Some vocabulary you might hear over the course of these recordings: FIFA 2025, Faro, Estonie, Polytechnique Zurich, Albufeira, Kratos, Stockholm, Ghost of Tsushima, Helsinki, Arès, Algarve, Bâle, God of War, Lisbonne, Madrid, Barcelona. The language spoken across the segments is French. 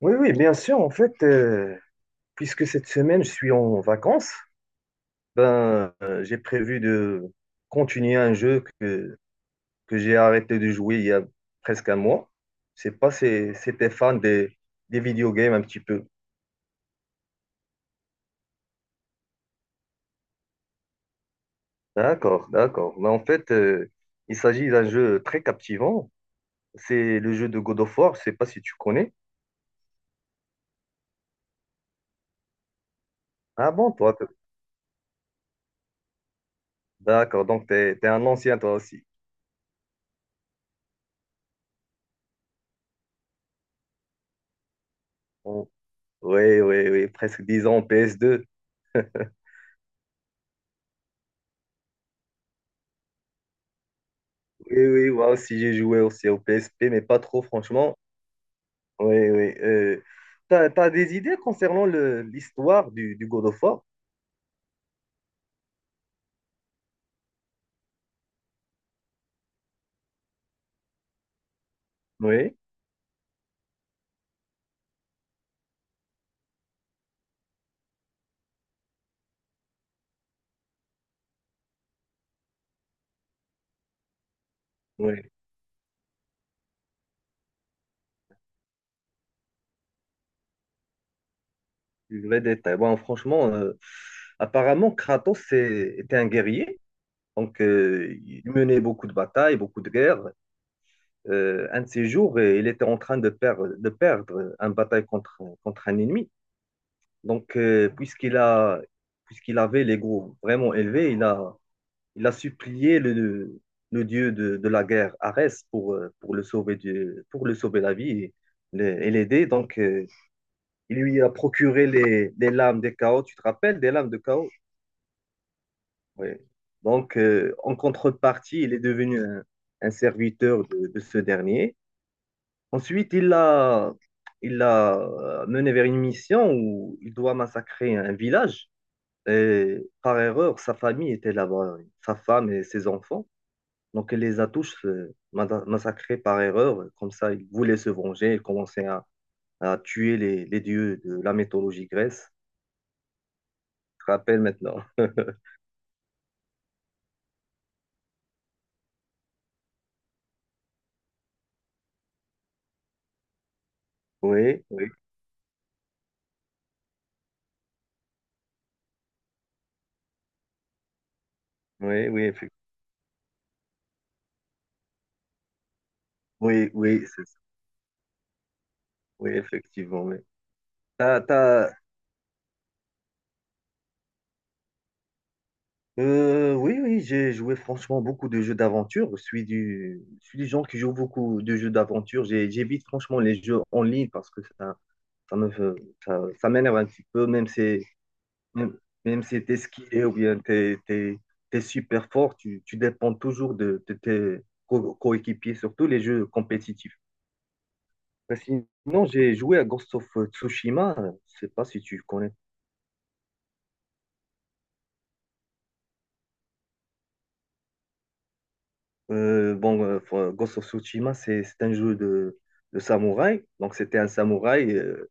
Oui, oui, bien sûr. En fait, puisque cette semaine, je suis en vacances, ben, j'ai prévu de continuer un jeu que j'ai arrêté de jouer il y a presque un mois. Je sais pas si c'était fan des video games un petit peu. D'accord, d'accord. Mais en fait, il s'agit d'un jeu très captivant. C'est le jeu de God of War. Je sais pas si tu connais. Ah bon, toi, d'accord. Donc, tu es un ancien, toi aussi. Bon. Oui, oui, oui. Presque 10 ans en PS2. Oui, oui, moi aussi j'ai joué aussi au PSP, mais pas trop franchement. Oui, oui. T'as des idées concernant l'histoire du God of War? Oui, oui. Du vrai détail. Bon, franchement, apparemment Kratos était un guerrier, donc il menait beaucoup de batailles, beaucoup de guerres. Un de ces jours, il était en train de perdre, une bataille contre un ennemi. Donc, puisqu'il avait l'ego vraiment élevé, il a supplié le dieu de la guerre, Arès, pour pour le sauver la vie et et l'aider. Donc, il lui a procuré les lames des chaos, tu te rappelles, des lames de chaos? Oui. Donc, en contrepartie, il est devenu un serviteur de ce dernier. Ensuite, il l'a mené vers une mission où il doit massacrer un village. Et par erreur, sa famille était là-bas, sa femme et ses enfants. Donc, il les a tous massacrés par erreur. Comme ça, il voulait se venger. Il commençait à tuer les dieux de la mythologie grecque. Je te rappelle maintenant. Oui, oui, oui, oui, effectivement. Oui, oui, c'est ça. Oui, effectivement. Oui. T'as- t'as- oui, oui, j'ai joué franchement beaucoup de jeux d'aventure. Je suis des gens qui jouent beaucoup de jeux d'aventure. J'évite franchement les jeux en ligne parce que ça me, fait- ça m'énerve un petit peu, Même même si tu es skillé ou bien tu es super fort, tu dépends toujours de tes coéquipiers, surtout les jeux compétitifs. Ben, sinon, j'ai joué à Ghost of Tsushima, je sais pas si tu connais. Bon, Ghost of Tsushima, c'est un jeu de samouraï. Donc, c'était un samouraï. euh,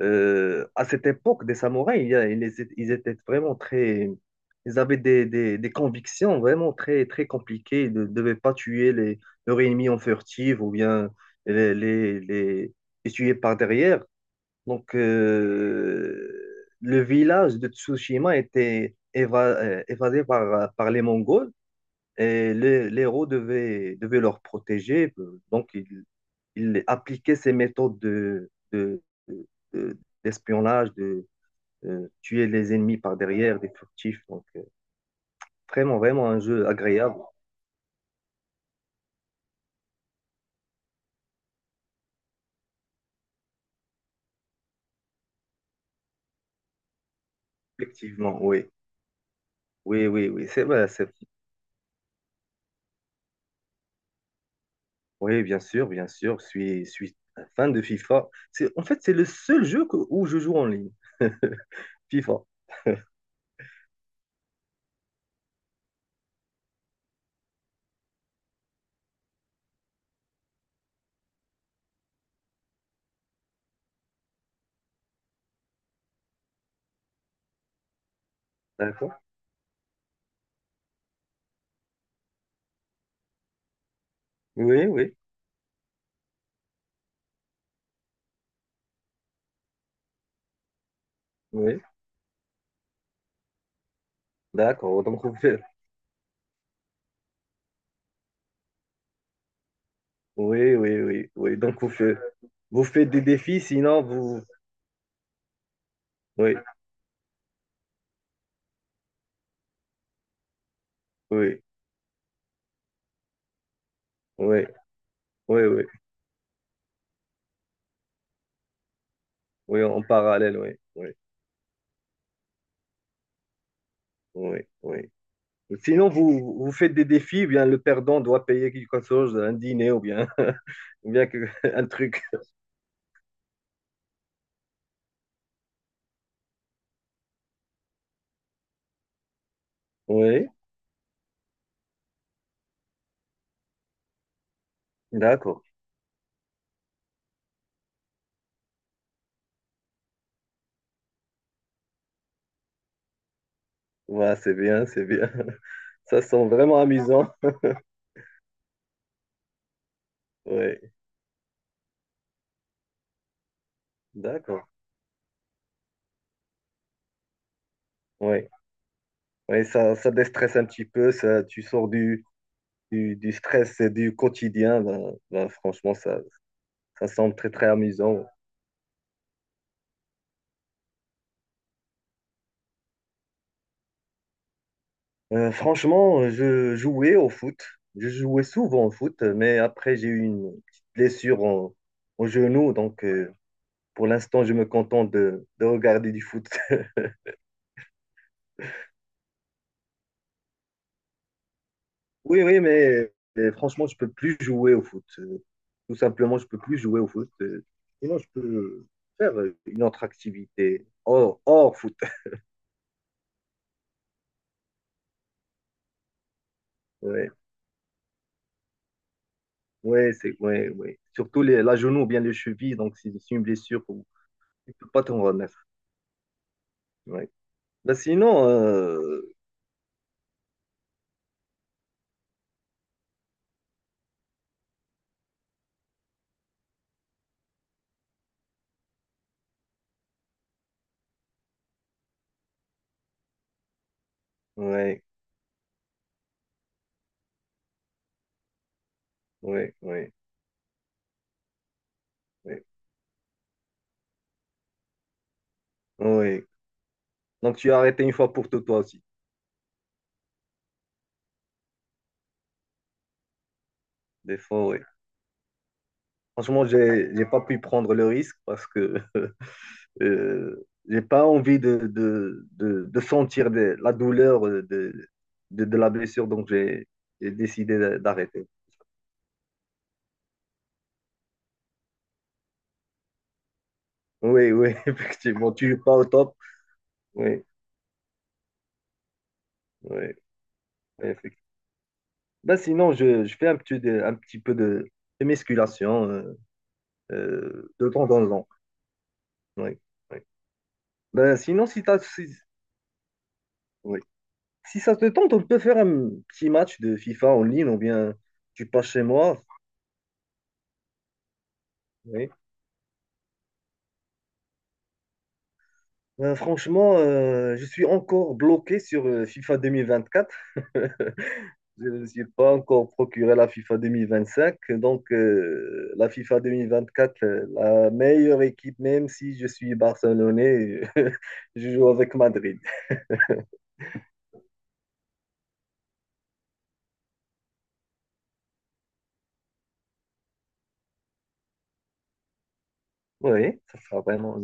Euh, À cette époque des samouraïs, ils étaient vraiment très. Ils avaient des, des convictions vraiment très, très compliquées. Ils ne devaient pas tuer leurs ennemis en furtive ou bien les, les, les- les tuer par derrière. Donc, le village de Tsushima était évadé par les Mongols et les héros devaient leur protéger. Donc, ils il appliquait ses méthodes de- de- d'espionnage, de tuer les ennemis par derrière, des furtifs. Donc, vraiment, vraiment un jeu agréable, effectivement, oui. Oui, oui, oui, c'est vrai, Oui, bien sûr, je suis un fan de FIFA. En fait, c'est le seul jeu où je joue en ligne, FIFA. D'accord. Oui, oui, oui. D'accord. Donc vous faites. Oui, oui, oui, oui. Donc vous faites. Vous faites des défis, sinon vous. Oui, oui, oui. Oui, oui, oui, en parallèle, oui, oui, oui, oui. Sinon, vous faites des défis, ou bien le perdant doit payer quelque chose, un dîner ou bien, ou bien un truc. Oui, d'accord. Ouais, c'est bien, c'est bien. Ça sent vraiment amusant. Oui, d'accord. Oui, oui, ça déstresse un petit peu, ça, tu sors du stress et du quotidien. Ben, franchement, ça semble très, très amusant. Franchement, je jouais au foot. Je jouais souvent au foot, mais après, j'ai eu une petite blessure au genou. Donc, pour l'instant, je me contente de regarder du foot. Oui, oui, mais franchement, je peux plus jouer au foot. Tout simplement, je peux plus jouer au foot. Sinon, je peux faire une autre activité hors foot. Ouais, ouais, ouais, ouais. Surtout la genou ou bien les chevilles. Donc, c'est une blessure où tu peux pas t'en remettre. Ouais. Ben, sinon, ouais. Oui, oui, oui, oui. Donc tu as arrêté une fois pour tout toi aussi. Des fois, oui. Franchement, j'ai pas pu prendre le risque parce que j'ai pas envie de sentir la douleur de la blessure, donc j'ai décidé d'arrêter. Oui, oui, effectivement, tu es pas au top. Oui, oui, effectivement. Ben, sinon, je fais un petit peu de musculation de temps en temps. Oui, oui. Ben, sinon, si tu as... Si ça te tente, on peut faire un petit match de FIFA en ligne ou bien tu passes chez moi. Oui. Franchement, je suis encore bloqué sur FIFA 2024. Je ne me suis pas encore procuré la FIFA 2025. Donc, la FIFA 2024, la meilleure équipe, même si je suis barcelonais, je joue avec Madrid. Oui, ça sera vraiment.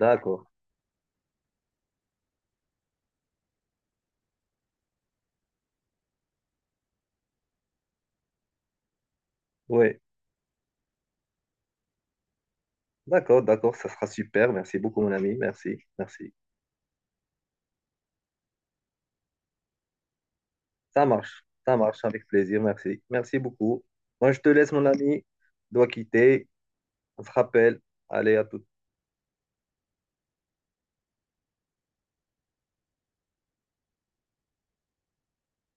D'accord. Oui, d'accord, d'accord, ça sera super. Merci beaucoup, mon ami. Merci, merci. Ça marche avec plaisir, merci. Merci beaucoup. Moi, je te laisse, mon ami. Je dois quitter. On se rappelle. Allez, à tout.